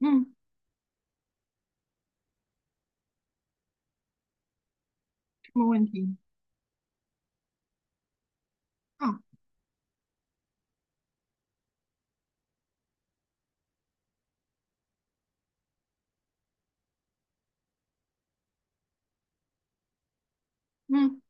嗯，什么问题？啊，嗯，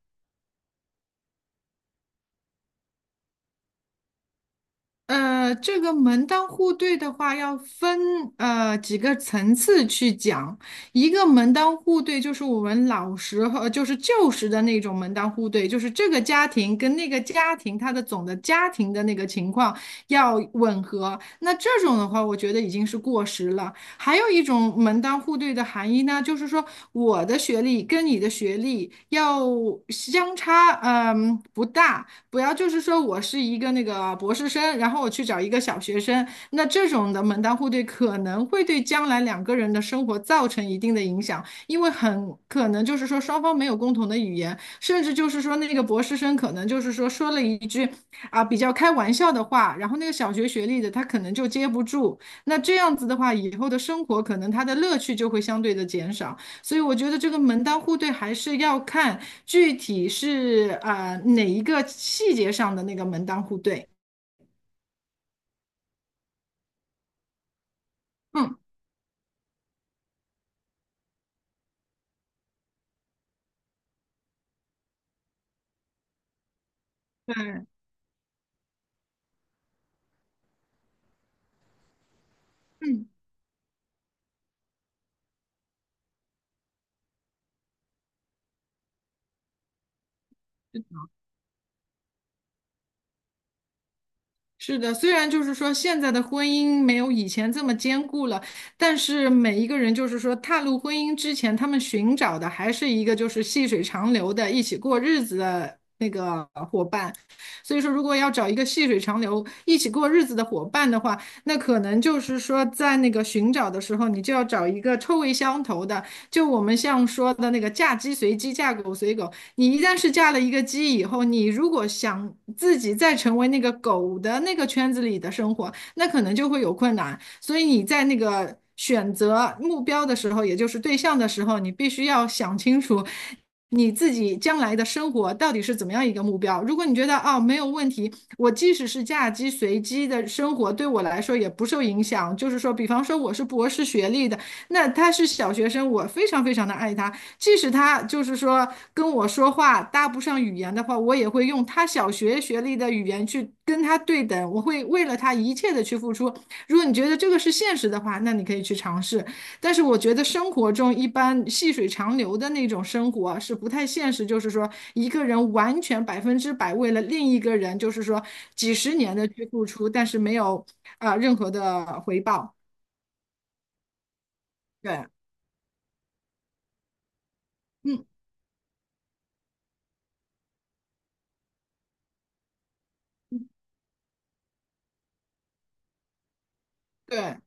这个门当户对的话，要分几个层次去讲。一个门当户对就是我们老时候，就是旧时的那种门当户对，就是这个家庭跟那个家庭，它的总的家庭的那个情况要吻合。那这种的话，我觉得已经是过时了。还有一种门当户对的含义呢，就是说我的学历跟你的学历要相差，嗯，不大。不要就是说我是一个那个博士生，然后我去找一个小学生，那这种的门当户对可能会对将来两个人的生活造成一定的影响，因为很可能就是说双方没有共同的语言，甚至就是说那个博士生可能就是说说了一句啊比较开玩笑的话，然后那个小学学历的他可能就接不住，那这样子的话，以后的生活可能他的乐趣就会相对的减少。所以我觉得这个门当户对还是要看具体是啊、哪一个细节上的那个门当户对。嗯，对，嗯。是的，虽然就是说现在的婚姻没有以前这么坚固了，但是每一个人就是说踏入婚姻之前，他们寻找的还是一个就是细水长流的一起过日子的那个伙伴。所以说，如果要找一个细水长流一起过日子的伙伴的话，那可能就是说在那个寻找的时候，你就要找一个臭味相投的。就我们像说的那个嫁鸡随鸡，嫁狗随狗，你一旦是嫁了一个鸡以后，你如果想自己再成为那个狗的那个圈子里的生活，那可能就会有困难。所以你在那个选择目标的时候，也就是对象的时候，你必须要想清楚。你自己将来的生活到底是怎么样一个目标？如果你觉得哦没有问题，我即使是嫁鸡随鸡的生活对我来说也不受影响，就是说，比方说我是博士学历的，那他是小学生，我非常非常的爱他，即使他就是说跟我说话搭不上语言的话，我也会用他小学学历的语言去跟他对等，我会为了他一切的去付出。如果你觉得这个是现实的话，那你可以去尝试。但是我觉得生活中一般细水长流的那种生活啊是不太现实，就是说一个人完全百分之百为了另一个人，就是说几十年的去付出，但是没有任何的回报。对，嗯，对，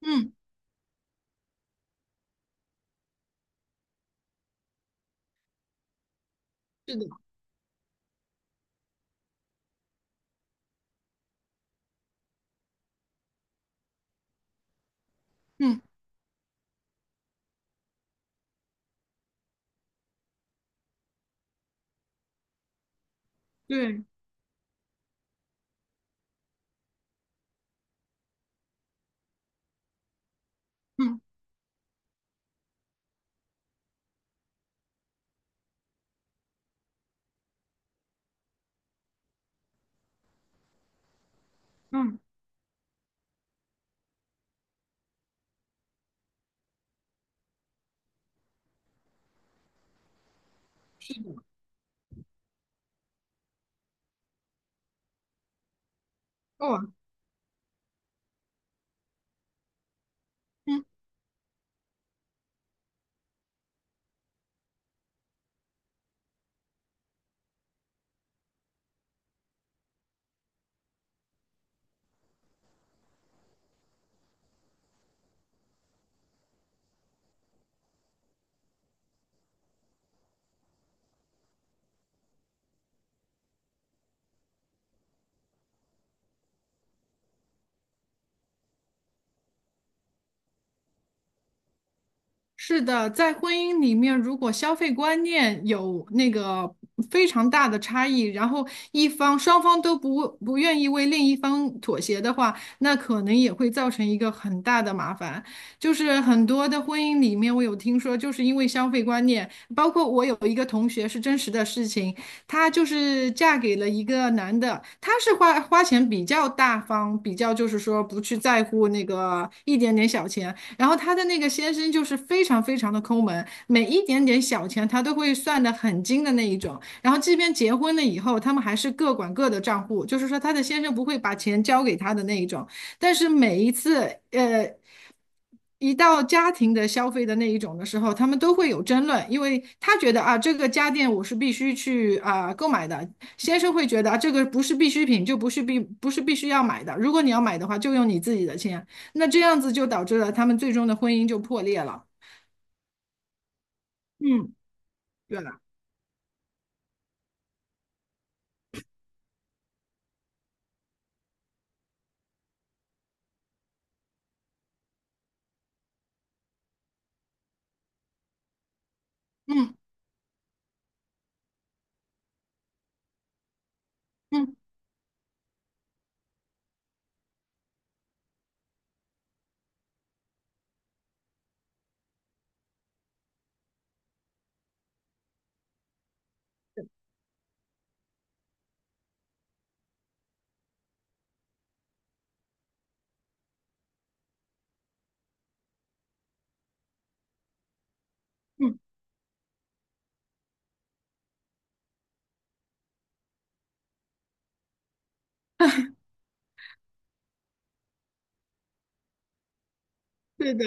嗯，是的，嗯，对，嗯嗯。哦，嗯，是的，在婚姻里面，如果消费观念有那个非常大的差异，然后一方双方都不愿意为另一方妥协的话，那可能也会造成一个很大的麻烦。就是很多的婚姻里面，我有听说，就是因为消费观念，包括我有一个同学是真实的事情，她就是嫁给了一个男的，他是花钱比较大方，比较就是说不去在乎那个一点点小钱。然后他的那个先生就是非常非常的抠门，每一点点小钱他都会算得很精的那一种。然后即便结婚了以后，他们还是各管各的账户，就是说他的先生不会把钱交给他的那一种。但是每一次，呃，一到家庭的消费的那一种的时候，他们都会有争论，因为他觉得啊，这个家电我是必须去购买的，先生会觉得啊，这个不是必需品，就不是必须要买的，如果你要买的话，就用你自己的钱，那这样子就导致了他们最终的婚姻就破裂了。嗯，对了，嗯嗯，对的。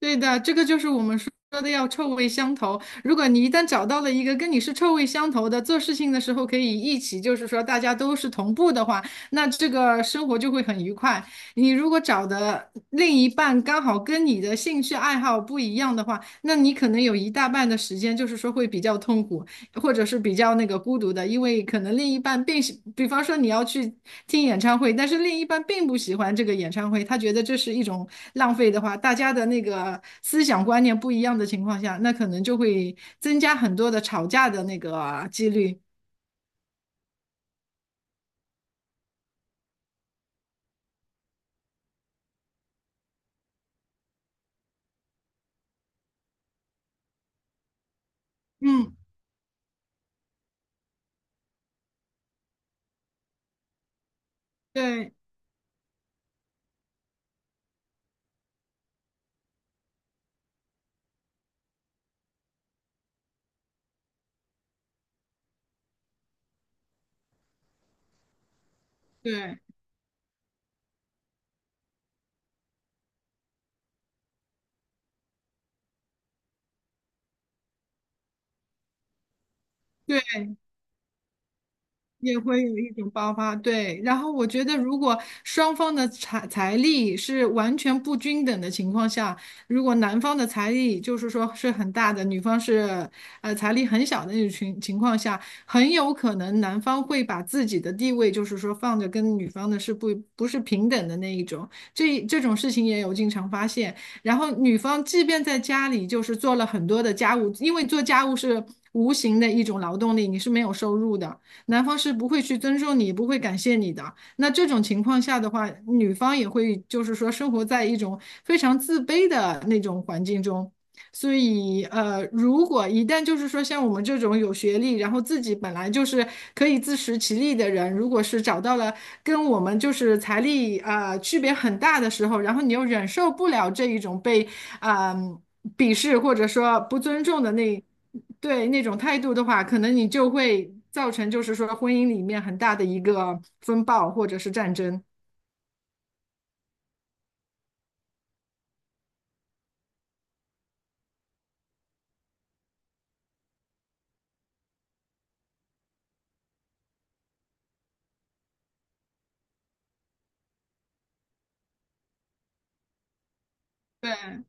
对的，这个就是我们说的要臭味相投。如果你一旦找到了一个跟你是臭味相投的，做事情的时候可以一起，就是说大家都是同步的话，那这个生活就会很愉快。你如果找的另一半刚好跟你的兴趣爱好不一样的话，那你可能有一大半的时间就是说会比较痛苦，或者是比较那个孤独的，因为可能另一半并喜，比方说你要去听演唱会，但是另一半并不喜欢这个演唱会，他觉得这是一种浪费的话，大家的那个思想观念不一样的情况下，那可能就会增加很多的吵架的那个几率。嗯，对对对，也会有一种爆发，对。然后我觉得，如果双方的财力是完全不均等的情况下，如果男方的财力就是说是很大的，女方是财力很小的那种情况下，很有可能男方会把自己的地位就是说放着跟女方的是不是平等的那一种，这种事情也有经常发现。然后女方即便在家里就是做了很多的家务，因为做家务是无形的一种劳动力，你是没有收入的。男方是不会去尊重你，不会感谢你的。那这种情况下的话，女方也会就是说生活在一种非常自卑的那种环境中。所以，如果一旦就是说像我们这种有学历，然后自己本来就是可以自食其力的人，如果是找到了跟我们就是财力啊、区别很大的时候，然后你又忍受不了这一种被啊、呃鄙视或者说不尊重的那种态度的话，可能你就会造成就是说婚姻里面很大的一个风暴或者是战争。对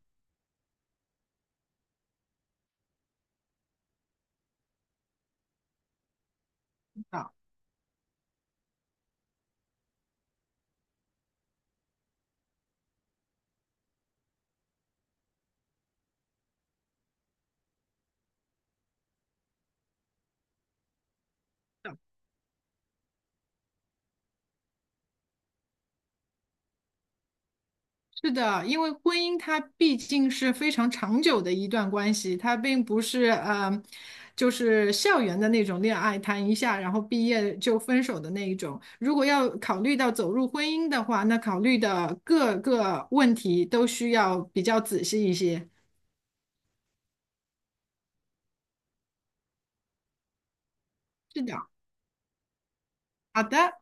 啊，是的，因为婚姻它毕竟是非常长久的一段关系，它并不是就是校园的那种恋爱，谈一下然后毕业就分手的那一种。如果要考虑到走入婚姻的话，那考虑的各个问题都需要比较仔细一些。是的，好的。